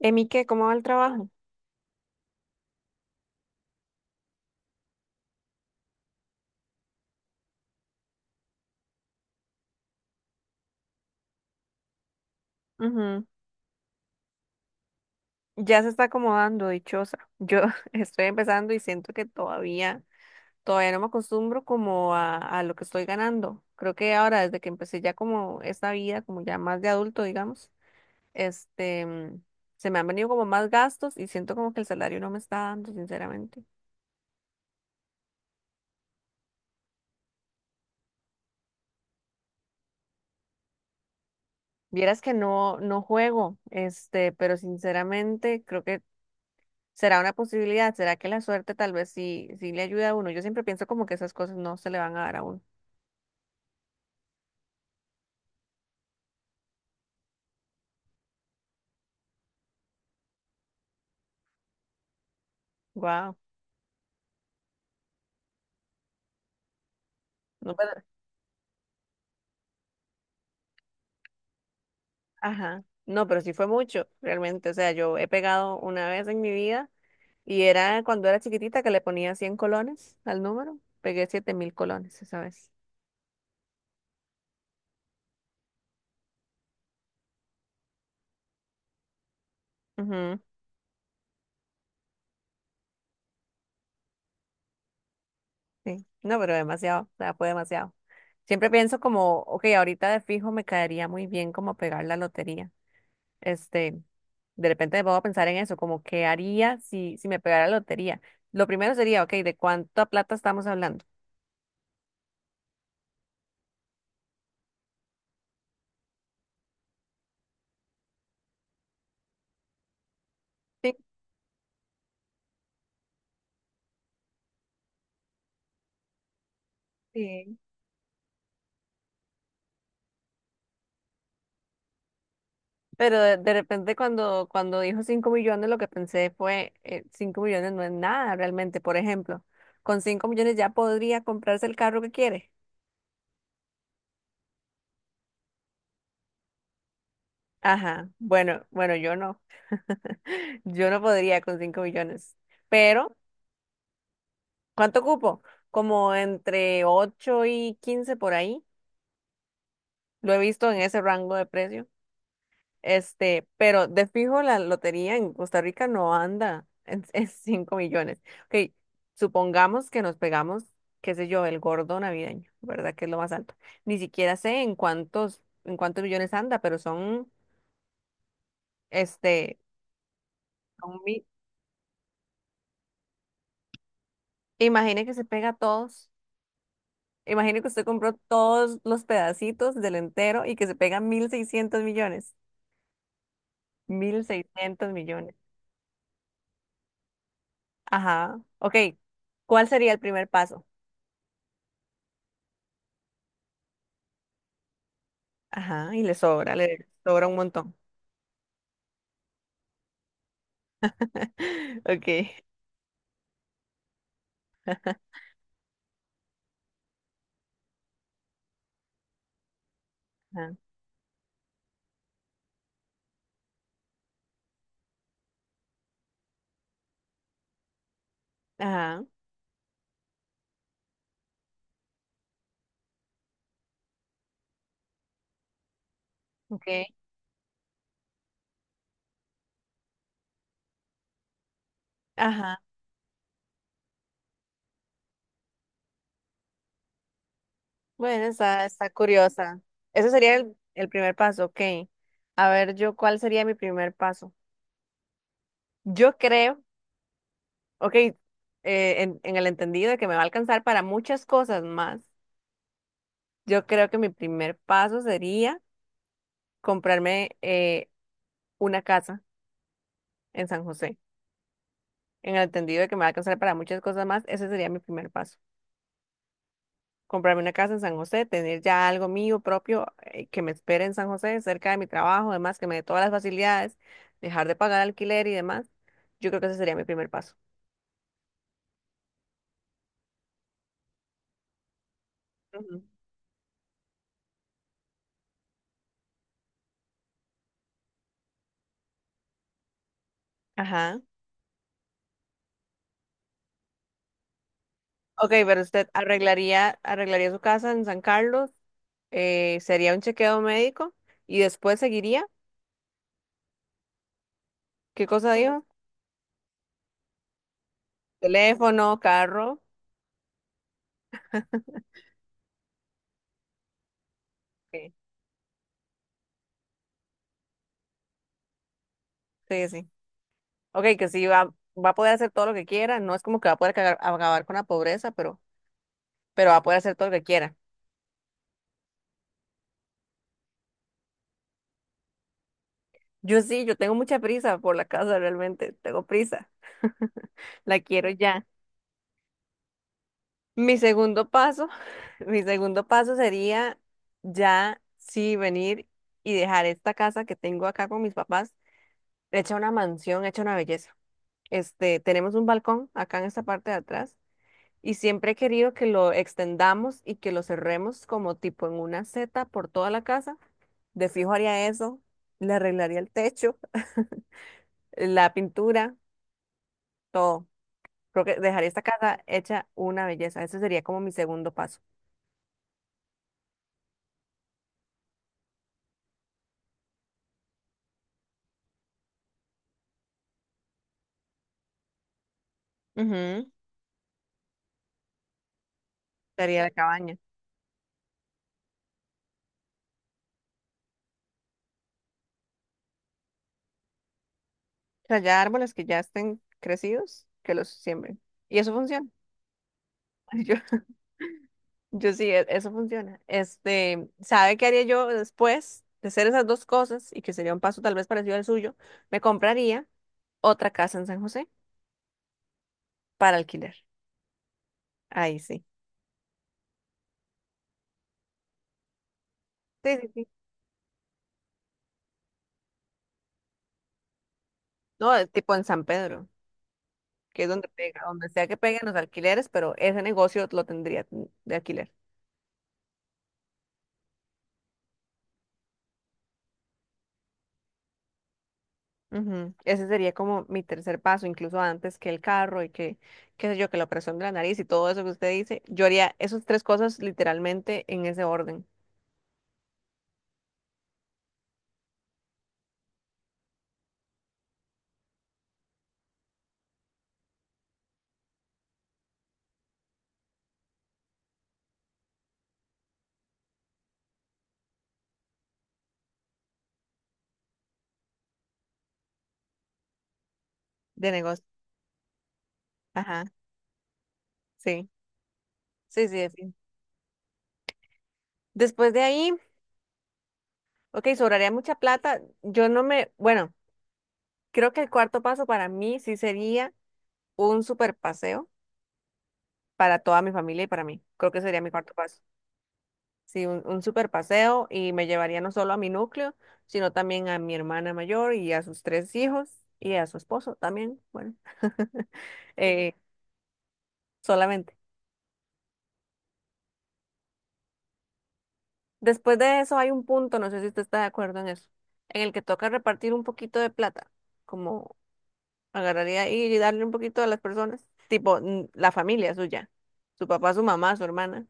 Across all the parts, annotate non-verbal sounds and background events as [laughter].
Emi, ¿qué? ¿Cómo va el trabajo? Ujú. Ya se está acomodando, dichosa. Yo [laughs] estoy empezando y siento que todavía no me acostumbro como a lo que estoy ganando. Creo que ahora, desde que empecé ya como esta vida, como ya más de adulto, digamos, este, mm, se me han venido como más gastos y siento como que el salario no me está dando, sinceramente. Vieras que no, no juego, pero sinceramente creo que será una posibilidad, será que la suerte tal vez sí, sí le ayuda a uno. Yo siempre pienso como que esas cosas no se le van a dar a uno. Wow, no, pero, ajá, no, pero sí fue mucho, realmente, o sea, yo he pegado una vez en mi vida y era cuando era chiquitita que le ponía 100 colones al número, pegué 7.000 colones esa vez. Ujú, sí, no, pero demasiado, o sea, fue demasiado. Siempre pienso como, ok, ahorita de fijo me caería muy bien como pegar la lotería. Este, de repente me pongo a pensar en eso, como qué haría si me pegara la lotería. Lo primero sería, ok, ¿de cuánta plata estamos hablando? Sí. Sí. Pero de repente cuando dijo 5 millones, lo que pensé fue, 5 millones no es nada realmente. Por ejemplo, con 5 millones ya podría comprarse el carro que quiere. Ajá, bueno, bueno, yo no. [laughs] Yo no podría con 5 millones. Pero, ¿cuánto ocupo? Como entre 8 y 15 por ahí. Lo he visto en ese rango de precio. Pero de fijo la lotería en Costa Rica no anda [laughs] en 5 millones. Ok, supongamos que nos pegamos, qué sé yo, el gordo navideño, ¿verdad? Que es lo más alto. Ni siquiera sé en cuántos millones anda. Pero son, este, son mi- imagine que se pega todos. Imagine que usted compró todos los pedacitos del entero y que se pega 1.600 millones. 1.600 millones. Ajá. Ok, ¿cuál sería el primer paso? Ajá, y le sobra un montón. [laughs] Ok. Ajá, ajá, ok. Ajá. Bueno, está curiosa. Ese sería el primer paso, ok. A ver, yo, ¿cuál sería mi primer paso? Yo creo, ok, en el entendido de que me va a alcanzar para muchas cosas más, yo creo que mi primer paso sería comprarme una casa en San José. En el entendido de que me va a alcanzar para muchas cosas más, ese sería mi primer paso. Comprarme una casa en San José, tener ya algo mío propio que me espere en San José, cerca de mi trabajo, además que me dé todas las facilidades, dejar de pagar alquiler y demás. Yo creo que ese sería mi primer paso. Ujú. Ajá. Ok, pero usted arreglaría su casa en San Carlos, sería un chequeo médico y después seguiría. ¿Qué cosa dijo? Teléfono, carro. Sí. Sí, sí. Ok, que sí va a poder hacer todo lo que quiera. No es como que va a poder acabar con la pobreza, pero va a poder hacer todo lo que quiera. Yo sí, yo tengo mucha prisa por la casa realmente, tengo prisa. [laughs] La quiero ya. Mi segundo paso, [laughs] Mi segundo paso sería ya sí venir y dejar esta casa que tengo acá con mis papás, hecha una mansión, hecha una belleza. Tenemos un balcón acá en esta parte de atrás y siempre he querido que lo extendamos y que lo cerremos como tipo en una seta por toda la casa. De fijo haría eso, le arreglaría el techo, [laughs] la pintura, todo. Creo que dejaría esta casa hecha una belleza. Ese sería como mi segundo paso. Ujú. Sería la cabaña. O sea, ya árboles que ya estén crecidos, que los siembren. Y eso funciona. [laughs] Yo, yo sí, eso funciona. ¿Sabe qué haría yo después de hacer esas dos cosas? Y que sería un paso tal vez parecido al suyo. Me compraría otra casa en San José para alquiler. Ahí sí. Sí, sí, sí. No, tipo en San Pedro, que es donde pega, donde sea que peguen los alquileres, pero ese negocio lo tendría de alquiler. Ujú. Ese sería como mi tercer paso, incluso antes que el carro y que, qué sé yo, que la operación de la nariz y todo eso que usted dice. Yo haría esas tres cosas literalmente en ese orden de negocio. Ajá, sí, sí, sí, sí. Después de ahí, ok, sobraría mucha plata. Yo no me, bueno, creo que el cuarto paso para mí sí sería un super paseo para toda mi familia y para mí. Creo que sería mi cuarto paso. Sí, un super paseo y me llevaría no solo a mi núcleo, sino también a mi hermana mayor y a sus tres hijos y a su esposo también, bueno, [laughs] eh, solamente. Después de eso hay un punto, no sé si usted está de acuerdo en eso, en el que toca repartir un poquito de plata, como agarraría ahí y darle un poquito a las personas, tipo la familia suya, su papá, su mamá, su hermana.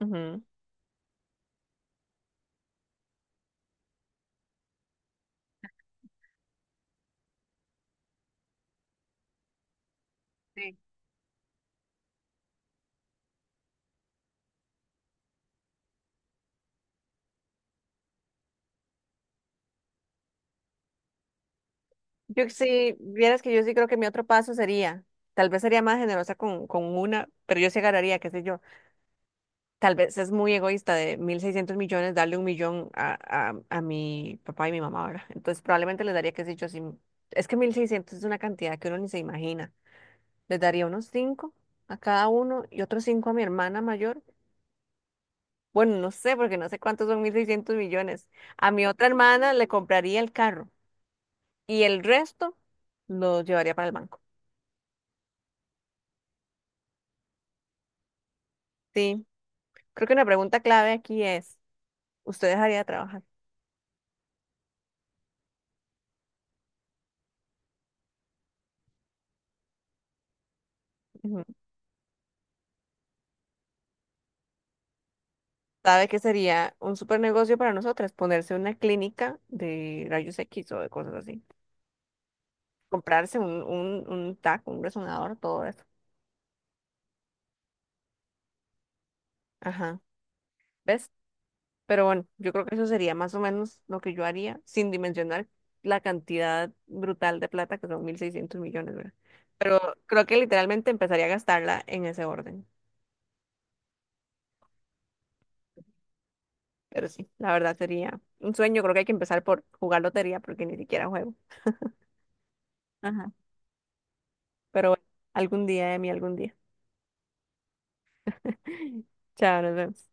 Ujú. Yo sí, vieras que yo sí creo que mi otro paso sería, tal vez sería más generosa con una, pero yo sí agarraría, qué sé yo, tal vez es muy egoísta de 1.600 millones darle un millón a mi papá y mi mamá ahora. Entonces probablemente les daría, qué sé yo, así, es que 1.600 es una cantidad que uno ni se imagina. Les daría unos cinco a cada uno y otros cinco a mi hermana mayor. Bueno, no sé, porque no sé cuántos son 1.600 millones. A mi otra hermana le compraría el carro y el resto lo llevaría para el banco. Sí, creo que una pregunta clave aquí es, ¿usted dejaría de trabajar? Ujú. ¿Sabe que sería un super negocio para nosotras? Ponerse una clínica de rayos X o de cosas así. Comprarse un TAC, un resonador, todo eso. Ajá. ¿Ves? Pero bueno, yo creo que eso sería más o menos lo que yo haría, sin dimensionar la cantidad brutal de plata, que son 1.600 millones, ¿verdad? Pero creo que literalmente empezaría a gastarla en ese orden. Pero sí, la verdad sería un sueño. Creo que hay que empezar por jugar lotería, porque ni siquiera juego. Ajá. Pero bueno, algún día, Emi, algún día. [clears throat] [laughs] Chao, nos vemos.